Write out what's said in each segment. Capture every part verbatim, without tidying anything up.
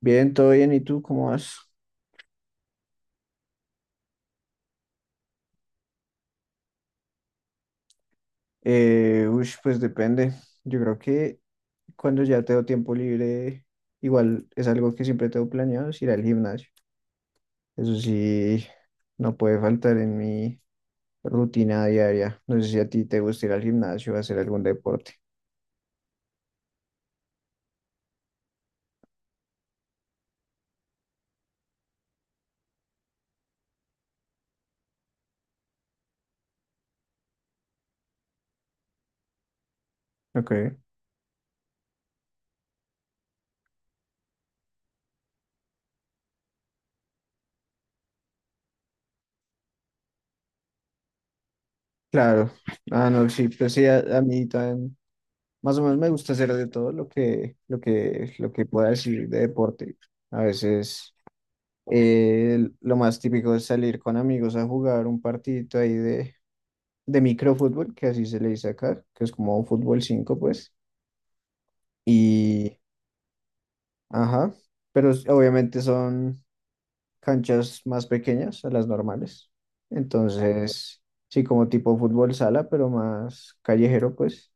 Bien, todo bien. ¿Y tú cómo vas? Eh, ush, pues depende. Yo creo que cuando ya tengo tiempo libre, igual es algo que siempre tengo planeado, es ir al gimnasio. Eso sí, no puede faltar en mi rutina diaria. No sé si a ti te gusta ir al gimnasio o hacer algún deporte. Ok, claro. Ah, no, sí, pues sí, a, a mí también. Más o menos me gusta hacer de todo lo que, lo que, lo que pueda decir de deporte. A veces. Eh, lo más típico es salir con amigos a jugar un partidito ahí de, de microfútbol, que así se le dice acá, que es como fútbol cinco, pues. Y, ajá, pero s- obviamente son canchas más pequeñas a las normales. Entonces, sí, como tipo fútbol sala, pero más callejero, pues.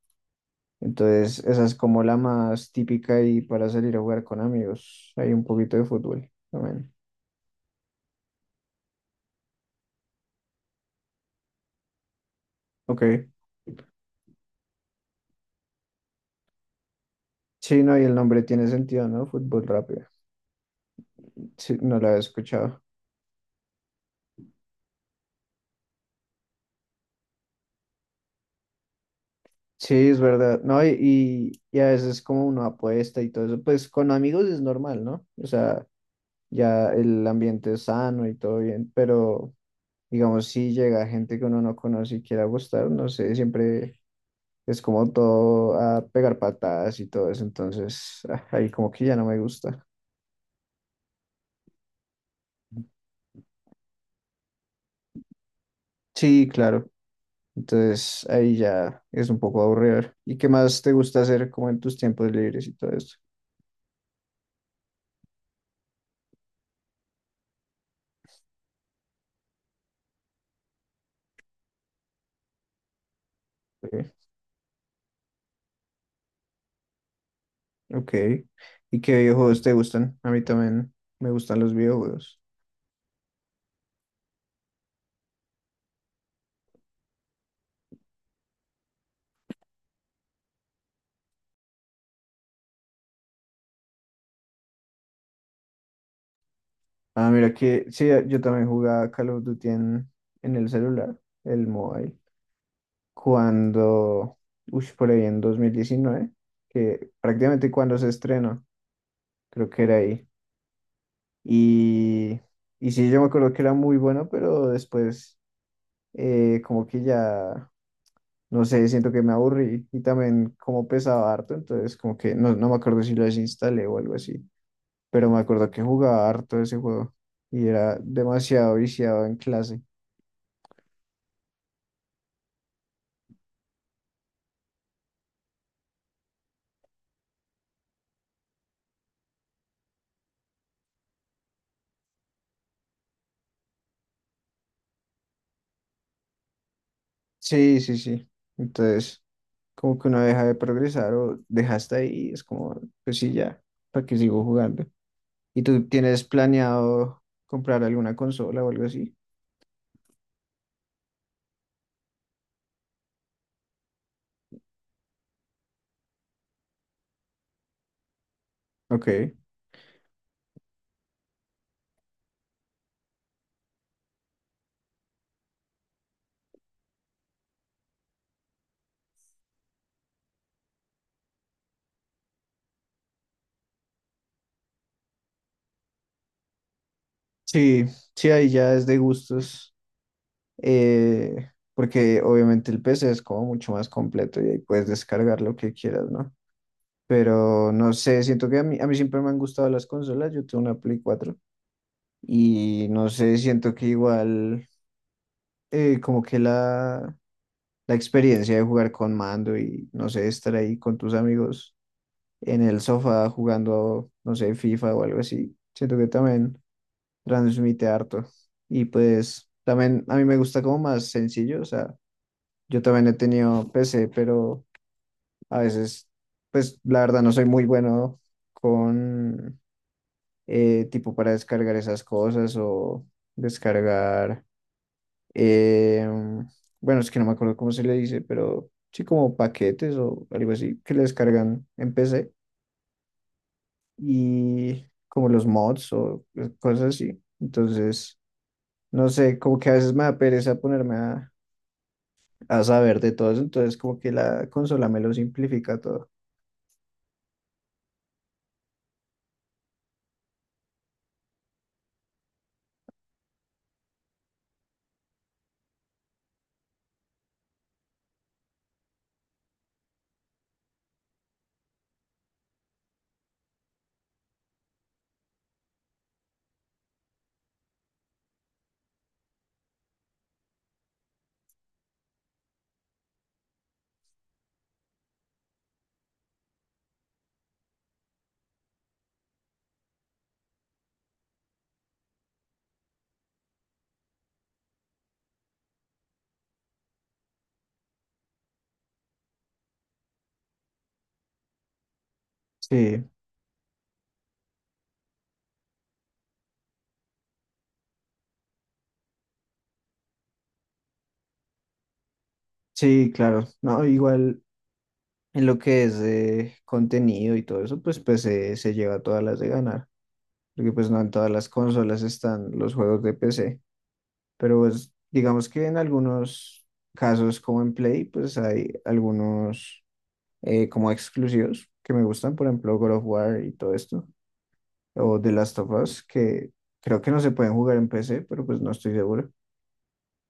Entonces, esa es como la más típica y para salir a jugar con amigos. Hay un poquito de fútbol también. Ok. Sí, no, y el nombre tiene sentido, ¿no? Fútbol rápido. Sí, no lo había escuchado. Sí, es verdad. No, y, y, y a veces como uno apuesta y todo eso, pues con amigos es normal, ¿no? O sea, ya el ambiente es sano y todo bien, pero digamos, si llega gente que uno no conoce y quiere apostar, no sé, siempre es como todo a pegar patadas y todo eso, entonces ah, ahí como que ya no me gusta. Sí, claro. Entonces ahí ya es un poco aburrido. ¿Y qué más te gusta hacer como en tus tiempos libres y todo eso? Ok. ¿Y qué videojuegos te gustan? A mí también me gustan los videojuegos. Ah, mira que sí, yo también jugaba Call of Duty en, en el celular, el mobile, cuando, uy, por ahí en dos mil diecinueve, que prácticamente cuando se estrenó, creo que era ahí. Y, y sí, yo me acuerdo que era muy bueno, pero después eh, como que ya, no sé, siento que me aburrí y también como pesaba harto, entonces como que no, no me acuerdo si lo desinstalé o algo así. Pero me acuerdo que jugaba harto ese juego y era demasiado viciado en clase. Sí, sí, sí. Entonces, como que uno deja de progresar o deja hasta ahí, es como, pues sí, ya, ¿para qué sigo jugando? ¿Y tú tienes planeado comprar alguna consola o algo así? Ok. Sí, sí, ahí ya es de gustos, eh, porque obviamente el P C es como mucho más completo y ahí puedes descargar lo que quieras, ¿no? Pero no sé, siento que a mí, a mí siempre me han gustado las consolas. Yo tengo una Play cuatro. Y no sé, siento que igual eh, como que la, la experiencia de jugar con mando y no sé, estar ahí con tus amigos en el sofá jugando, no sé, FIFA o algo así, siento que también transmite harto. Y pues también a mí me gusta como más sencillo, o sea, yo también he tenido P C, pero a veces, pues la verdad no soy muy bueno con eh, tipo para descargar esas cosas o descargar eh, bueno, es que no me acuerdo cómo se le dice, pero sí como paquetes o algo así que le descargan en P C y como los mods o cosas así. Entonces, no sé, como que a veces me da pereza ponerme a, a saber de todo eso, entonces como que la consola me lo simplifica todo. Sí, sí, claro. No, igual en lo que es de contenido y todo eso, pues P C se se lleva todas las de ganar, porque pues no en todas las consolas están los juegos de P C. Pero pues, digamos que en algunos casos como en Play, pues hay algunos eh, como exclusivos que me gustan, por ejemplo God of War y todo esto, o The Last of Us, que creo que no se pueden jugar en P C, pero pues no estoy seguro.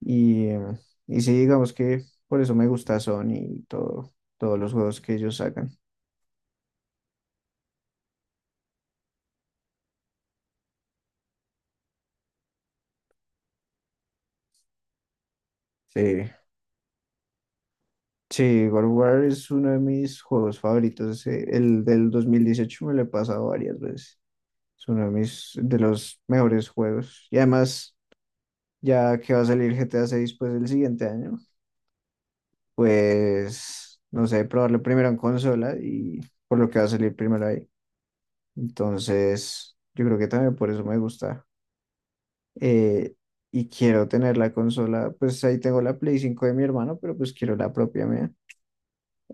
Y, eh, y sí, digamos que por eso me gusta Sony y todo, todos los juegos que ellos sacan. Sí, sí, God of War es uno de mis juegos favoritos. eh, El del dos mil dieciocho me lo he pasado varias veces. Es uno de mis, de los mejores juegos. Y además, ya que va a salir G T A seis pues el siguiente año, pues no sé, probarlo primero en consola y por lo que va a salir primero ahí. Entonces, yo creo que también por eso me gusta. Eh, y quiero tener la consola, pues ahí tengo la Play cinco de mi hermano, pero pues quiero la propia mía.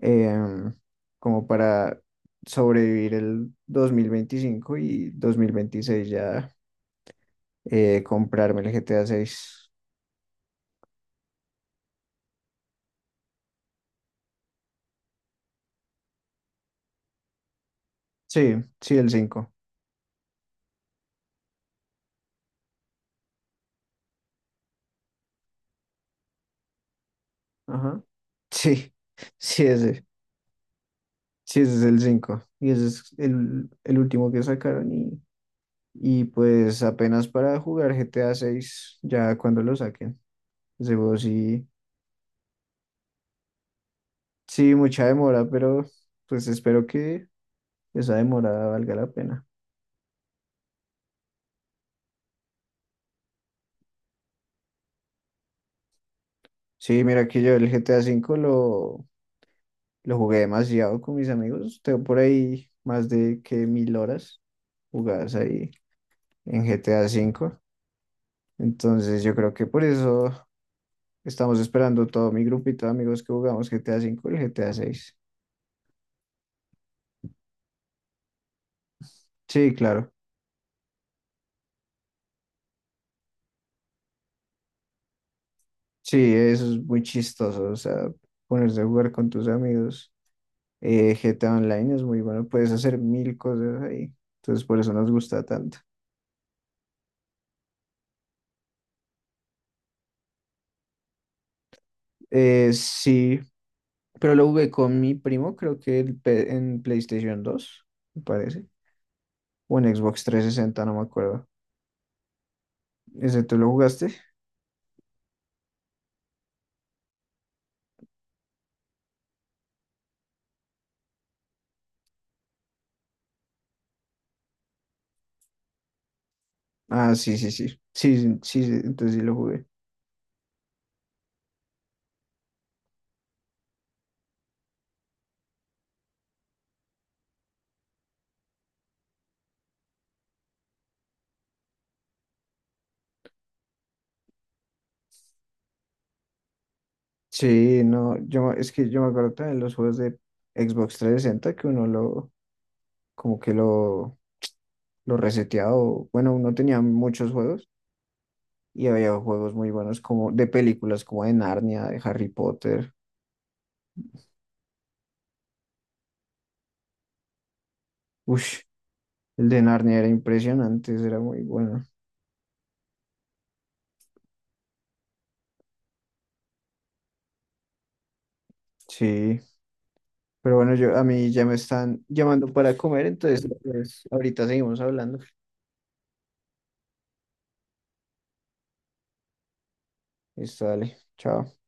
em, Como para sobrevivir el dos mil veinticinco y dos mil veintiséis ya eh, comprarme el G T A seis. Sí, sí, el cinco. Ajá. Sí, sí, ese. Sí, ese es el cinco. Y ese es el, el último que sacaron. Y, y pues apenas para jugar G T A seis ya cuando lo saquen. Ese juego sí, sí, mucha demora, pero pues espero que esa demora valga la pena. Sí, mira que yo el G T A cinco lo, lo jugué demasiado con mis amigos. Tengo por ahí más de que mil horas jugadas ahí en G T A cinco. Entonces yo creo que por eso. Estamos esperando todo mi grupito de amigos que jugamos G T A cinco y G T A seis. Sí, claro. Sí, eso es muy chistoso. O sea, ponerse a jugar con tus amigos. Eh, G T A Online es muy bueno. Puedes hacer mil cosas ahí. Entonces, por eso nos gusta tanto. Eh, sí, pero lo jugué con mi primo, creo que el pe- en play station dos me parece. O en Xbox trescientos sesenta, no me acuerdo. ¿Ese tú lo jugaste? Ah, sí, sí, sí. Sí, sí, sí, entonces sí lo jugué. Sí, no, yo es que yo me acuerdo también los juegos de Xbox trescientos sesenta que uno lo como que lo lo reseteaba, o- bueno, uno tenía muchos juegos y había juegos muy buenos como de películas como de Narnia, de Harry Potter. Ush, el de Narnia era impresionante, ese era muy bueno. Sí, pero bueno, yo a mí ya me están llamando para comer, entonces pues, ahorita seguimos hablando. Listo, dale. Chao.